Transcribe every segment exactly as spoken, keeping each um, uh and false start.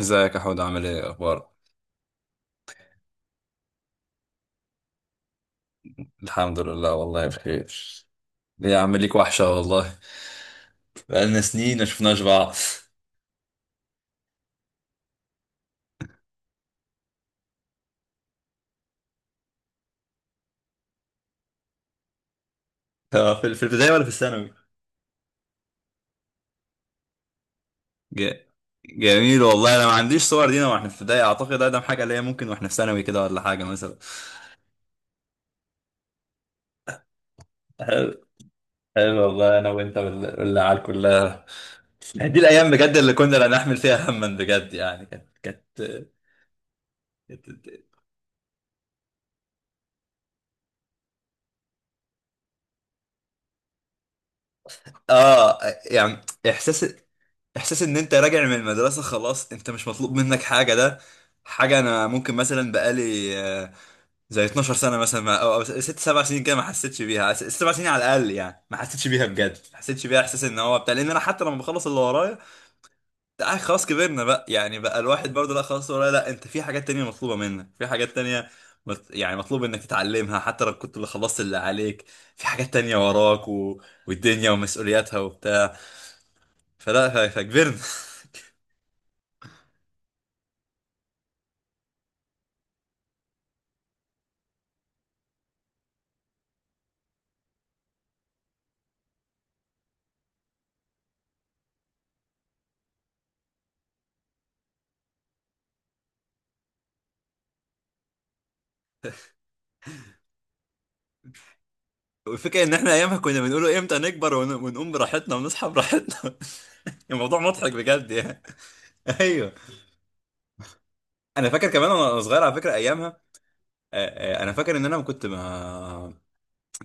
ازيك يا حود، عامل ايه؟ اخبارك؟ الحمد لله، والله بخير. ليه يا عم؟ ليك وحشه والله. بقالنا سنين ما شفناش بعض. آه، في في البداية ولا في الثانوي؟ ج... جميل والله، انا ما عنديش صور لينا واحنا في ابتدائي. اعتقد اقدم حاجه ليا ممكن واحنا في ثانوي كده ولا حاجه مثلا. حلو، حلو والله، انا وانت وال- والعيال كلها. دي الايام بجد اللي كنا لا نحمل فيها هما، بجد يعني كانت كانت كانت- اه يعني احساس احساس ان انت راجع من المدرسه، خلاص انت مش مطلوب منك حاجه. ده حاجه انا ممكن مثلا بقالي آه، زي اتناشر سنه مثلا، ما- او أو ست سبع سنين كده، ما حسيتش بيها. س- سبع سنين على الاقل يعني ما حسيتش بيها بجد، ما حسيتش بيها. احساس ان هو بتاع، لان انا حتى لما بخلص اللي ورايا، آه خلاص كبرنا بقى، يعني بقى الواحد برضه. لا خلاص ورايا، لا انت في حاجات تانية مطلوبه منك، في حاجات تانية. مط- يعني مطلوب انك تتعلمها حتى لو كنت اللي خلصت اللي عليك. في حاجات تانية وراك و... والدنيا ومسؤولياتها وبتاع. فلا، ف- فكبرنا. والفكرة ان احنا ايامها كنا بنقوله امتى نكبر ون- ونقوم براحتنا ونصحى براحتنا. الموضوع مضحك بجد يعني. ايوه، انا فاكر كمان وانا صغير على فكرة ايامها. آه، آه، انا فاكر ان انا كنت. ما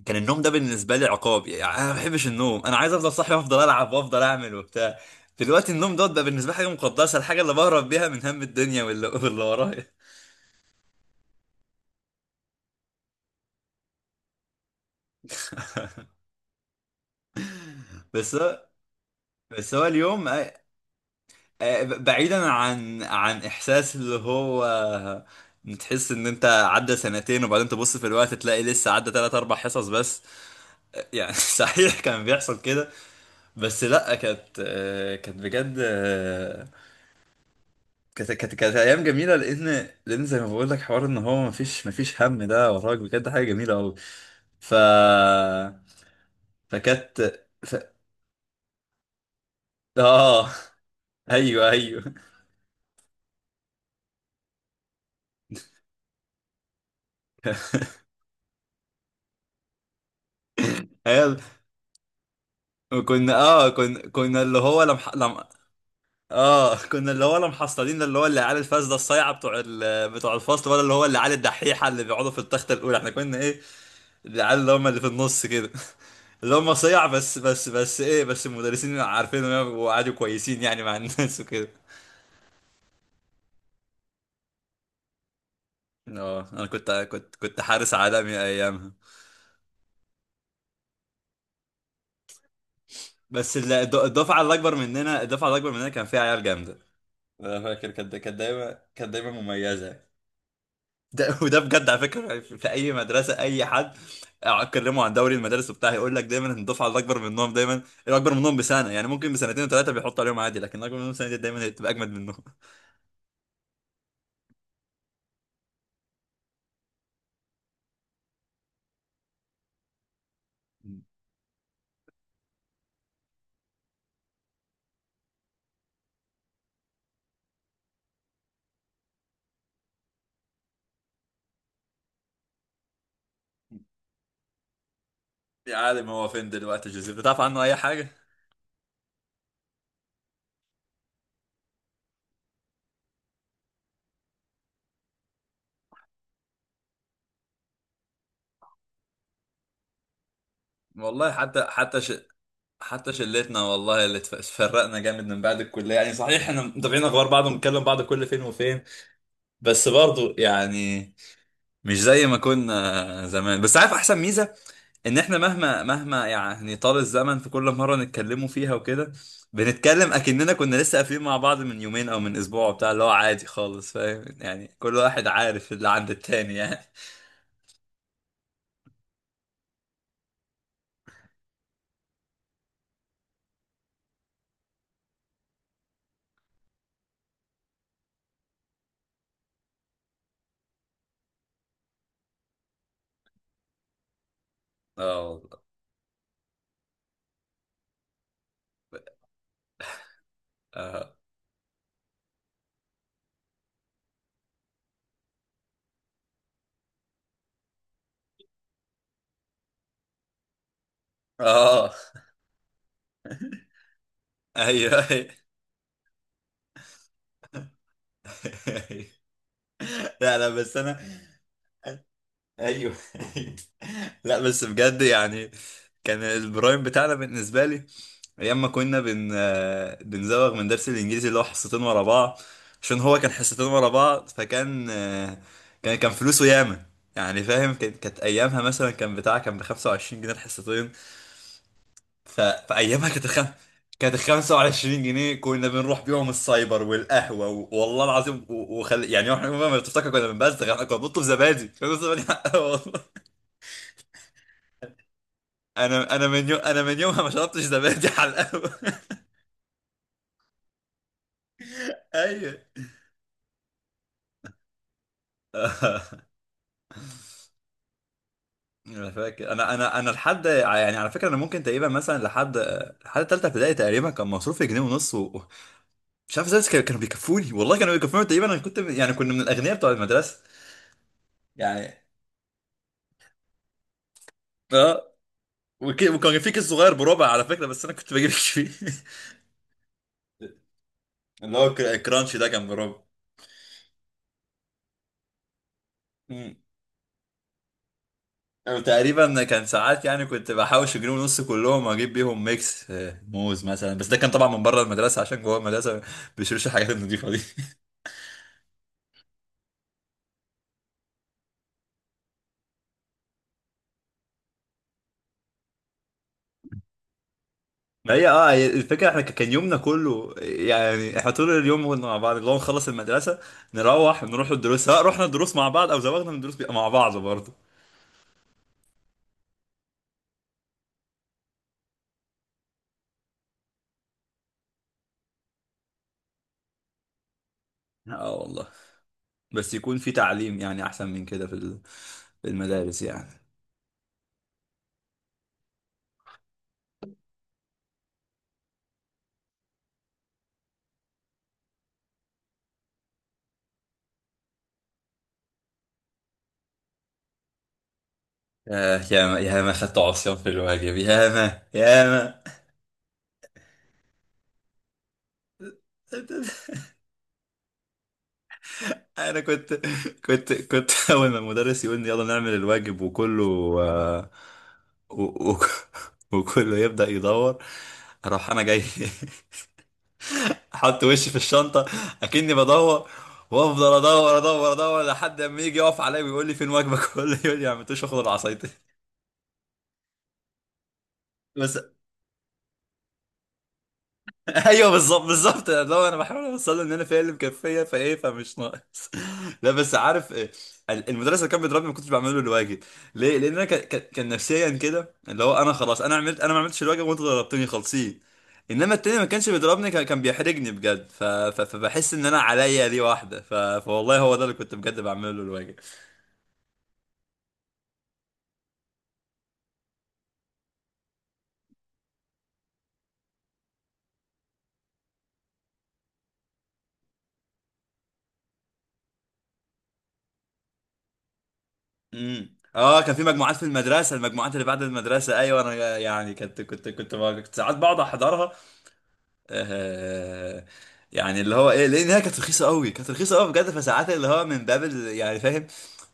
كان النوم ده بالنسبة لي عقاب، يعني انا ما بحبش النوم، انا عايز افضل صاحي وافضل العب وافضل اعمل وبتاع. دلوقتي النوم دوت بقى بالنسبة لي حاجة مقدسة، الحاجة اللي بهرب بيها من هم الدنيا واللي واللي ورايا. بس هو- بس هو اليوم، آه، بعيدا عن عن احساس اللي هو تحس ان انت عدى سنتين وبعدين تبص في الوقت تلاقي لسه عدى تلات اربع حصص بس. آه، يعني صحيح كان بيحصل كده. بس لا، كانت آه، كانت بجد، آه، كانت كانت كانت ايام جميله، لان لان زي ما بقول لك حوار ان هو مفيش مفيش هم ده وراك، بجد حاجه جميله قوي. ف فكانت. ف... اه ايوه، ايوه. هل كنا، اه كنا كنا اللي هو لم... لم... اه كنا اللي هو، لا محصلين اللي هو اللي عيال الفاسده الصايعه بتوع ال- بتوع الفصل، ولا اللي هو اللي عيال الدحيحه اللي بيقعدوا في التخته الاولى، احنا كنا ايه؟ العيال اللي هم اللي في النص كده. اللي هم صيع، بس بس بس ايه، بس المدرسين عارفينهم وقعدوا كويسين يعني مع الناس وكده. اه انا كنت كنت كنت حارس عالمي ايامها. بس ال- الد- الدفعه الاكبر مننا الدفعه الاكبر مننا كان فيها عيال جامده. انا فاكر كانت كانت دايما كانت دايما مميزه. ده وده بجد على فكره، في في اي مدرسه اي حد اكلمه عن دوري المدارس وبتاع هيقول لك دايما ان الدفعه الاكبر منهم دايما، الاكبر منهم بسنه يعني، ممكن بسنتين وثلاثه بيحطوا عليهم عادي، لكن الاكبر منهم سنه دايما بتبقى اجمد منهم. يا عالم، هو فين دلوقتي جوزيف؟ بتعرف عنه اي حاجه؟ والله، حتى حتى ش... حتى شلتنا والله، اللي اتف- اتفرقنا جامد من بعد الكليه، يعني صحيح احنا متابعين اخبار بعض وبنتكلم بعض كل فين وفين، بس برضو يعني مش زي ما كنا زمان، بس عارف احسن ميزه، ان احنا مهما مهما يعني طال الزمن في كل مره نتكلموا فيها وكده، بنتكلم اكننا كنا لسه قافلين مع بعض من يومين او من اسبوع وبتاع، اللي هو عادي خالص فاهم يعني، كل واحد عارف اللي عند التاني يعني. اه والله، اه، اه، آه، ايوه أيوة. لا، لا، بس انا. ايوه. لا بس بجد يعني، كان البرايم بتاعنا بالنسبة لي أيام ما كنا بن آه، بنزوغ من درس الإنجليزي اللي هو حصتين ورا بعض. عشان هو كان حصتين ورا بعض، فكان، آه، كان كان فلوسه ياما. يعني فاهم، كان- كانت أيامها مثلا كان بتاع، كان ب خمسة وعشرين جنيه الحصتين. ف- فأيامها كانت الخم... كانت ال خمسة وعشرين جنيه كنا بنروح بيهم السايبر والقهوة و... والله العظيم و... وخل... يعني احنا ما تفتكر كنا بنبزغ، احنا كنا بنطلب زبادي كنا بنطلب زبادي، والله. انا انا من يو... انا من يومها ما شربتش زبادي على القهوه. ايوه. انا فاكر، انا انا انا لحد يعني على فكره، انا ممكن تقريبا مثلا لحد لحد ثالثه ابتدائي تقريبا كان مصروفي جنيه ونص و... و- مش عارف ازاي، بس كانوا كانوا بيكفوني والله كانوا بيكفوني تقريبا. انا كنت من- يعني كنا من الاغنياء بتوع المدرسه يعني. اه وك... وكان في كيس صغير بربع على فكره، بس انا كنت بجيب الكيس فيه. اللي هو الكر- الكرانشي ده كان بربع. وتقريبا كان ساعات يعني كنت بحوش جنيه ونص كلهم اجيب بيهم ميكس آه، موز مثلا، بس ده كان طبعا من بره المدرسه عشان جوه المدرسه ما بيشتروش الحاجات النضيفه دي. ما هي اه هي الفكره، احنا ك- كان يومنا كله، يعني احنا طول اليوم كنا مع بعض، اللي هو نخلص المدرسه نروح نروح الدروس، سواء رحنا الدروس مع بعض او زوغنا من الدروس بيبقى مع بعض برضه. اه والله، بس يكون في تعليم يعني احسن من كده في ال- في المدارس يعني. آه يا ما يا ما خدت عصيان في الواجب، يا ما يا ما. انا كنت كنت كنت اول ما المدرس يقول لي يلا نعمل الواجب وكله، آه، و... و... وكله يبدأ يدور، اروح انا جاي. احط وشي في الشنطة اكني بدور، وافضل ادور ادور ادور لحد اما يجي يقف عليا ويقول لي فين واجبك؟ كله يقول لي ما عملتوش، واخد العصايتين. بس. ايوه بالظبط، بالظبط، لو انا بحاول اوصل له ان انا فعلا مكفيه فايه فمش ناقص. لا بس عارف إيه، ال- المدرس اللي كان بيضربني ما كنتش بعمل له الواجب. ليه؟ لان انا كان كان كان نفسيا كده، اللي هو انا خلاص، انا عملت انا ما عملتش الواجب وانتوا ضربتوني خالصين. انما التاني ما كانش بيضربني، كان كان بيحرجني بجد. ف... ف... فبحس ان انا عليا دي واحده، ف... فوالله هو ده اللي كنت بجد بعمله له الواجب. امم اه كان في مجموعات في المدرسه، المجموعات اللي بعد المدرسه. ايوه انا يعني كنت كنت كنت كنت ساعات بقعد احضرها. آه، يعني اللي هو ايه، لان هي كانت رخيصه قوي كانت رخيصه قوي بجد. فساعات اللي هو من باب ال- يعني فاهم،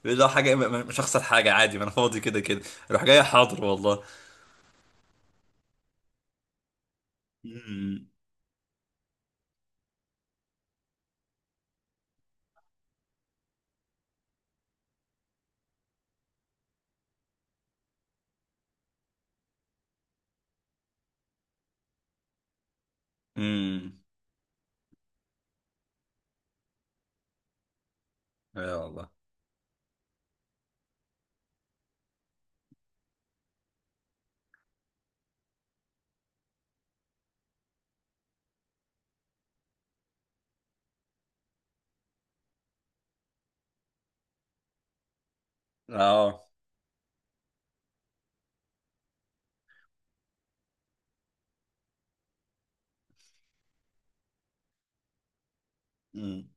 اللي هو حاجه م- م- مش هخسر حاجه عادي، ما انا فاضي كده كده، اروح جاي حاضر والله. امم، امم، يا والله، اه، امم.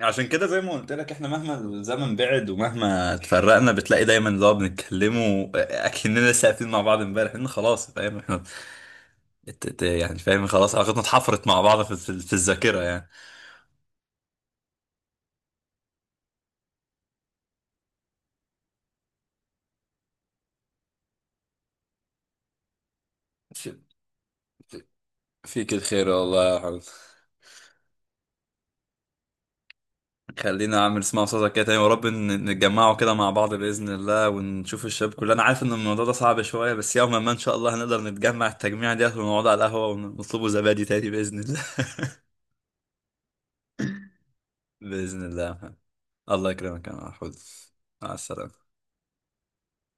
عشان كده زي ما قلت لك، احنا مهما الزمن بعد ومهما اتفرقنا بتلاقي دايما اللي هو بنتكلموا آه، اكننا لسه قاعدين مع بعض امبارح، ان خلاص فاهم احنا. ات- ات- يعني فاهم خلاص، علاقتنا اتحفرت مع بعض في في- في الذاكره يعني. فيك الخير والله يا حمد. خلينا عم نسمع صوتك كده تاني، ورب ن- نتجمعوا كده مع بعض بإذن الله ونشوف الشباب كلنا. انا عارف ان الموضوع ده صعب شوية، بس يوما ما ان شاء الله هنقدر نتجمع التجميع ديت ونقعد على القهوة ونطلبوا زبادي تاني بإذن الله. بإذن الله يا محمد. الله يكرمك يا محمود. مع السلامة.